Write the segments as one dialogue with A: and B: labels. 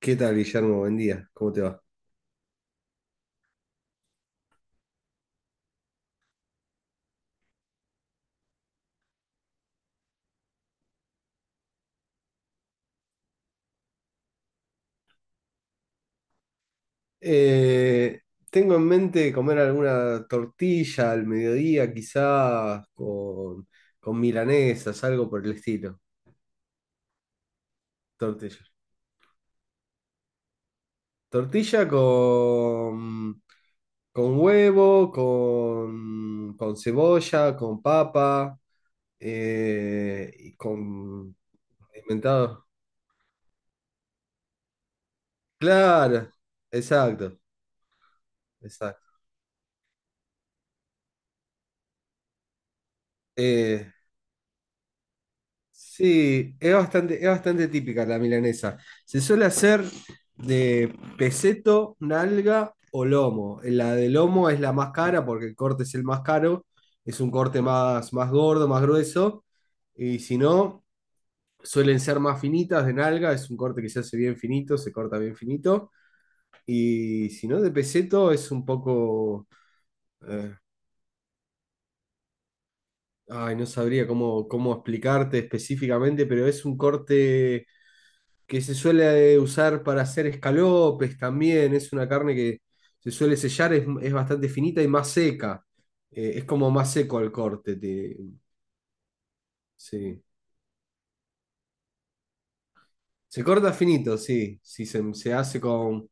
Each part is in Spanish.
A: ¿Qué tal, Guillermo? Buen día, ¿cómo te va? Eh, Tengo en mente comer alguna tortilla al mediodía, quizás con milanesas, algo por el estilo. Tortilla. Tortilla con huevo, con cebolla, con papa, y con... Inventado. Claro, exacto, exacto. Eh, Sí, es bastante típica la milanesa. Se suele hacer de peseto, nalga o lomo. La de lomo es la más cara porque el corte es el más caro, es un corte más gordo, más grueso. Y si no, suelen ser más finitas de nalga, es un corte que se hace bien finito, se corta bien finito. Y si no, de peseto es un poco... eh, ay, no sabría cómo explicarte específicamente, pero es un corte que se suele usar para hacer escalopes también, es una carne que se suele sellar, es bastante finita y más seca, es como más seco el corte, sí. Se corta finito, sí, si se, se hace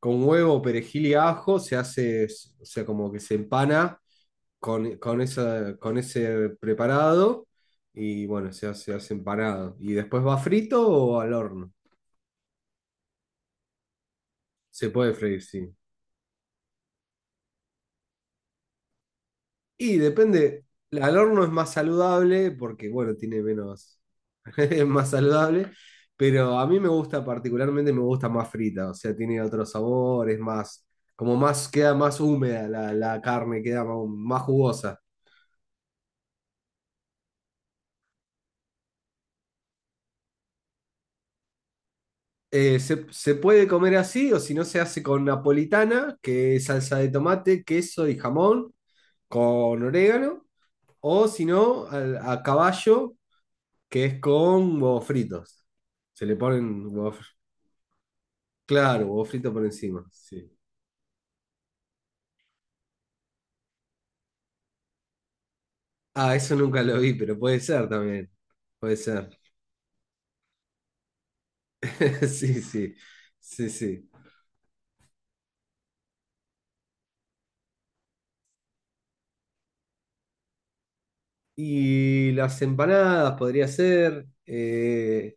A: con huevo, perejil y ajo, se hace, o sea, como que se empana con ese preparado y bueno, se hace empanado. Y después va frito o al horno, se puede freír, sí. Y depende, al horno es más saludable porque, bueno, tiene menos, es más saludable, pero a mí me gusta particularmente, me gusta más frita, o sea, tiene otro sabor, es más, como más, queda más húmeda la carne, queda más, más jugosa. Se puede comer así o si no se hace con napolitana, que es salsa de tomate, queso y jamón, con orégano, o si no, a caballo, que es con huevos fritos. Se le ponen huevos. Claro, huevo frito por encima. Sí. Ah, eso nunca lo vi, pero puede ser también. Puede ser. Sí, sí. Sí, sí. Y las empanadas podría ser.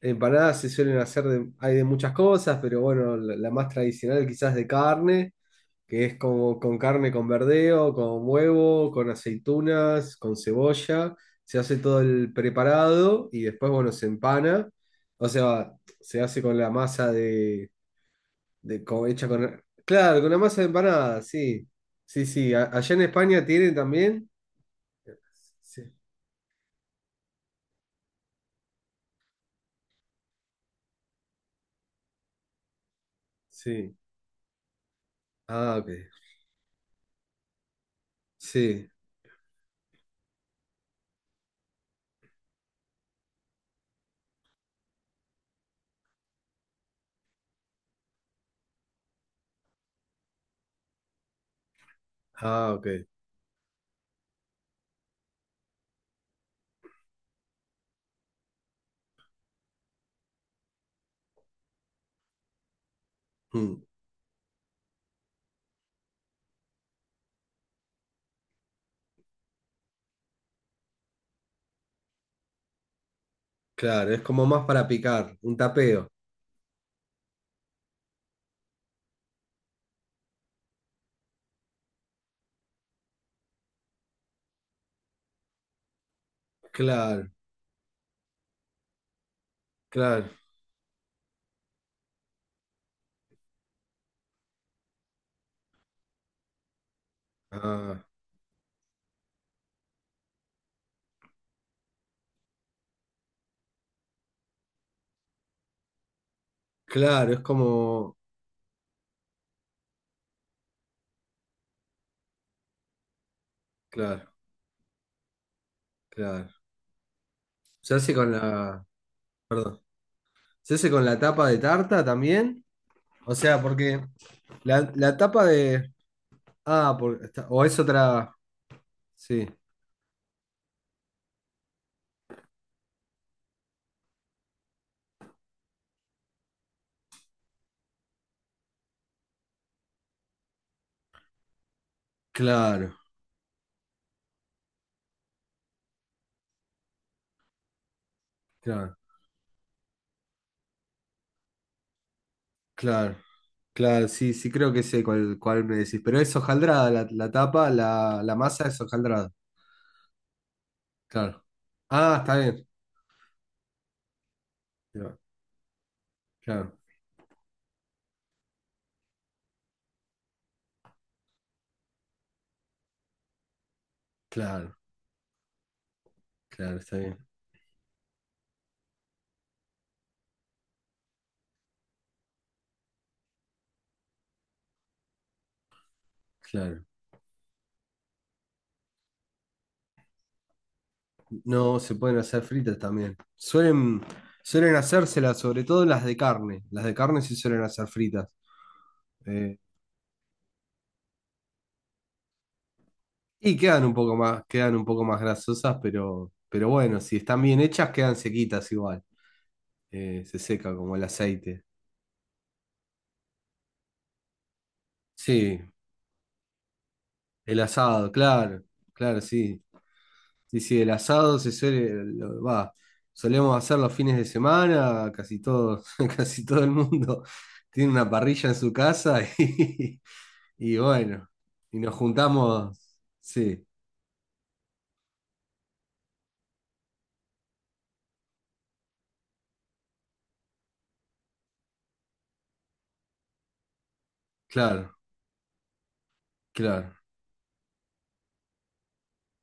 A: Empanadas se suelen hacer de, hay de muchas cosas, pero bueno, la más tradicional quizás de carne, que es como con carne con verdeo, con huevo, con aceitunas, con cebolla. Se hace todo el preparado y después, bueno, se empana. O sea, se hace con la masa de, como hecha con... Claro, con una masa de empanada, sí. Sí, sí. A- allá en España tienen también. Sí. Sí. Ah, ok. Sí. Ah, ok. Mm. Claro, es como más para picar, un tapeo. Claro, claro. Ah, claro, es como... Claro, claro. ¿Se hace con la... Perdón. ¿Se hace con la tapa de tarta también? O sea, porque la tapa de... Ah, o es otra... Sí. Claro, claro, claro. Claro, sí, sí creo que sé cuál me decís. Pero es hojaldrada la tapa, la masa es hojaldrada. Claro. Ah, está bien. Claro, claro, claro, claro, está bien. Claro. No, se pueden hacer fritas también. Suelen hacérselas, sobre todo las de carne. Las de carne sí suelen hacer fritas. Eh, y quedan un poco más grasosas, pero bueno, si están bien hechas, quedan sequitas igual. Se seca como el aceite. Sí, el asado, claro, claro, sí. Sí, sí, el asado se suele, lo- va, solemos hacer los fines de semana, casi todo, casi todo el mundo tiene una parrilla en su casa y bueno, y nos juntamos, sí, claro, claro,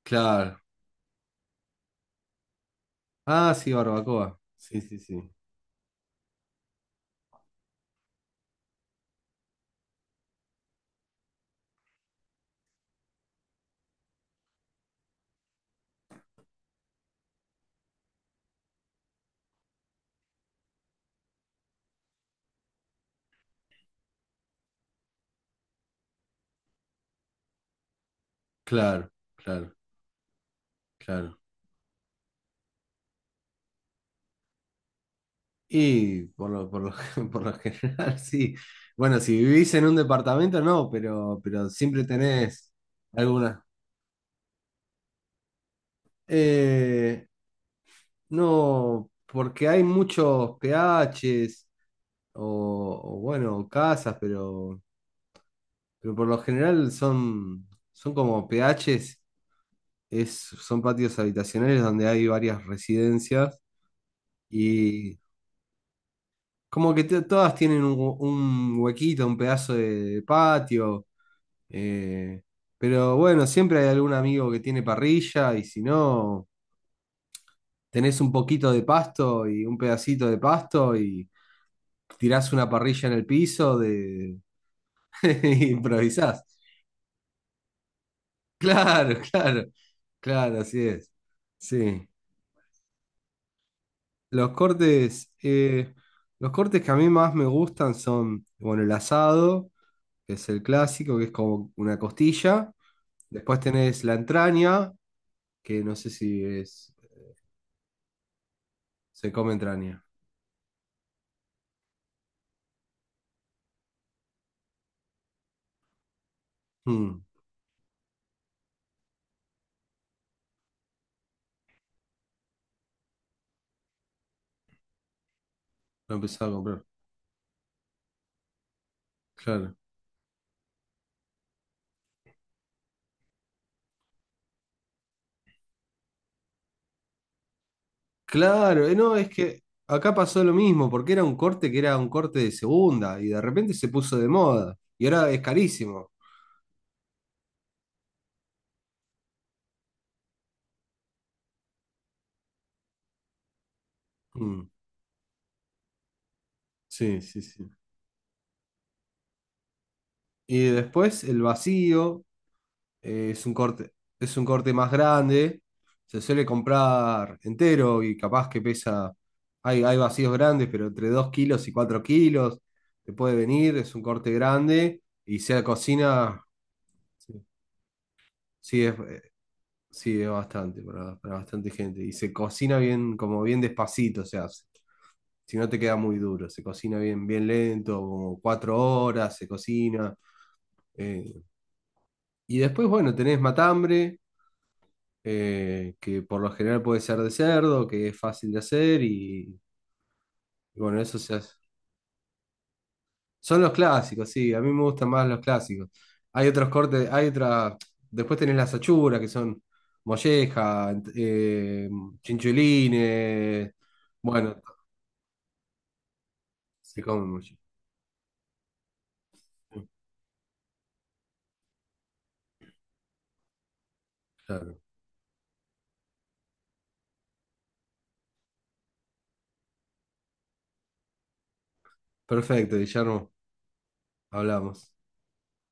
A: claro. Ah, sí, barbacoa, sí, sí, sí, claro, claro, claro. Y por lo, por lo, por lo general, sí. Bueno, si vivís en un departamento, no, pero siempre tenés alguna. Eh, no, porque hay muchos PHs o, bueno, casas, pero por lo general son como PHs, son patios habitacionales donde hay varias residencias y como que todas tienen un, un huequito, un pedazo de patio. Eh, pero bueno, siempre hay algún amigo que tiene parrilla y si no, tenés un poquito de pasto y un pedacito de pasto y tirás una parrilla en el piso de... y improvisás. Claro, claro, así es. Sí. Los cortes, eh, los cortes que a mí más me gustan son, bueno, el asado, que es el clásico, que es como una costilla. Después tenés la entraña, que no sé si es. Se come entraña. Mm, lo empezaba a comprar. Claro. Claro, no, es que acá pasó lo mismo, porque era un corte que era un corte de segunda y de repente se puso de moda y ahora es carísimo. Mm, sí, sí, sí. Y después el vacío, eh, es un corte, es un corte más grande, se suele comprar entero y capaz que pesa, hay vacíos grandes, pero entre 2 kilos y 4 kilos te puede venir, es un corte grande y se cocina. Sí. Sí, es, eh, sí, es bastante para bastante gente. Y se cocina bien, como bien despacito, o sea, si no te queda muy duro, se cocina bien, bien lento, como 4 horas se cocina. Eh. Y después, bueno, tenés matambre, que por lo general puede ser de cerdo, que es fácil de hacer, y bueno, eso se hace. Son los clásicos, sí, a mí me gustan más los clásicos. Hay otros cortes, hay otras. Después tenés las achuras, que son molleja, chinchulines. Bueno, se comen molleja. Claro. Perfecto, Guillermo, hablamos.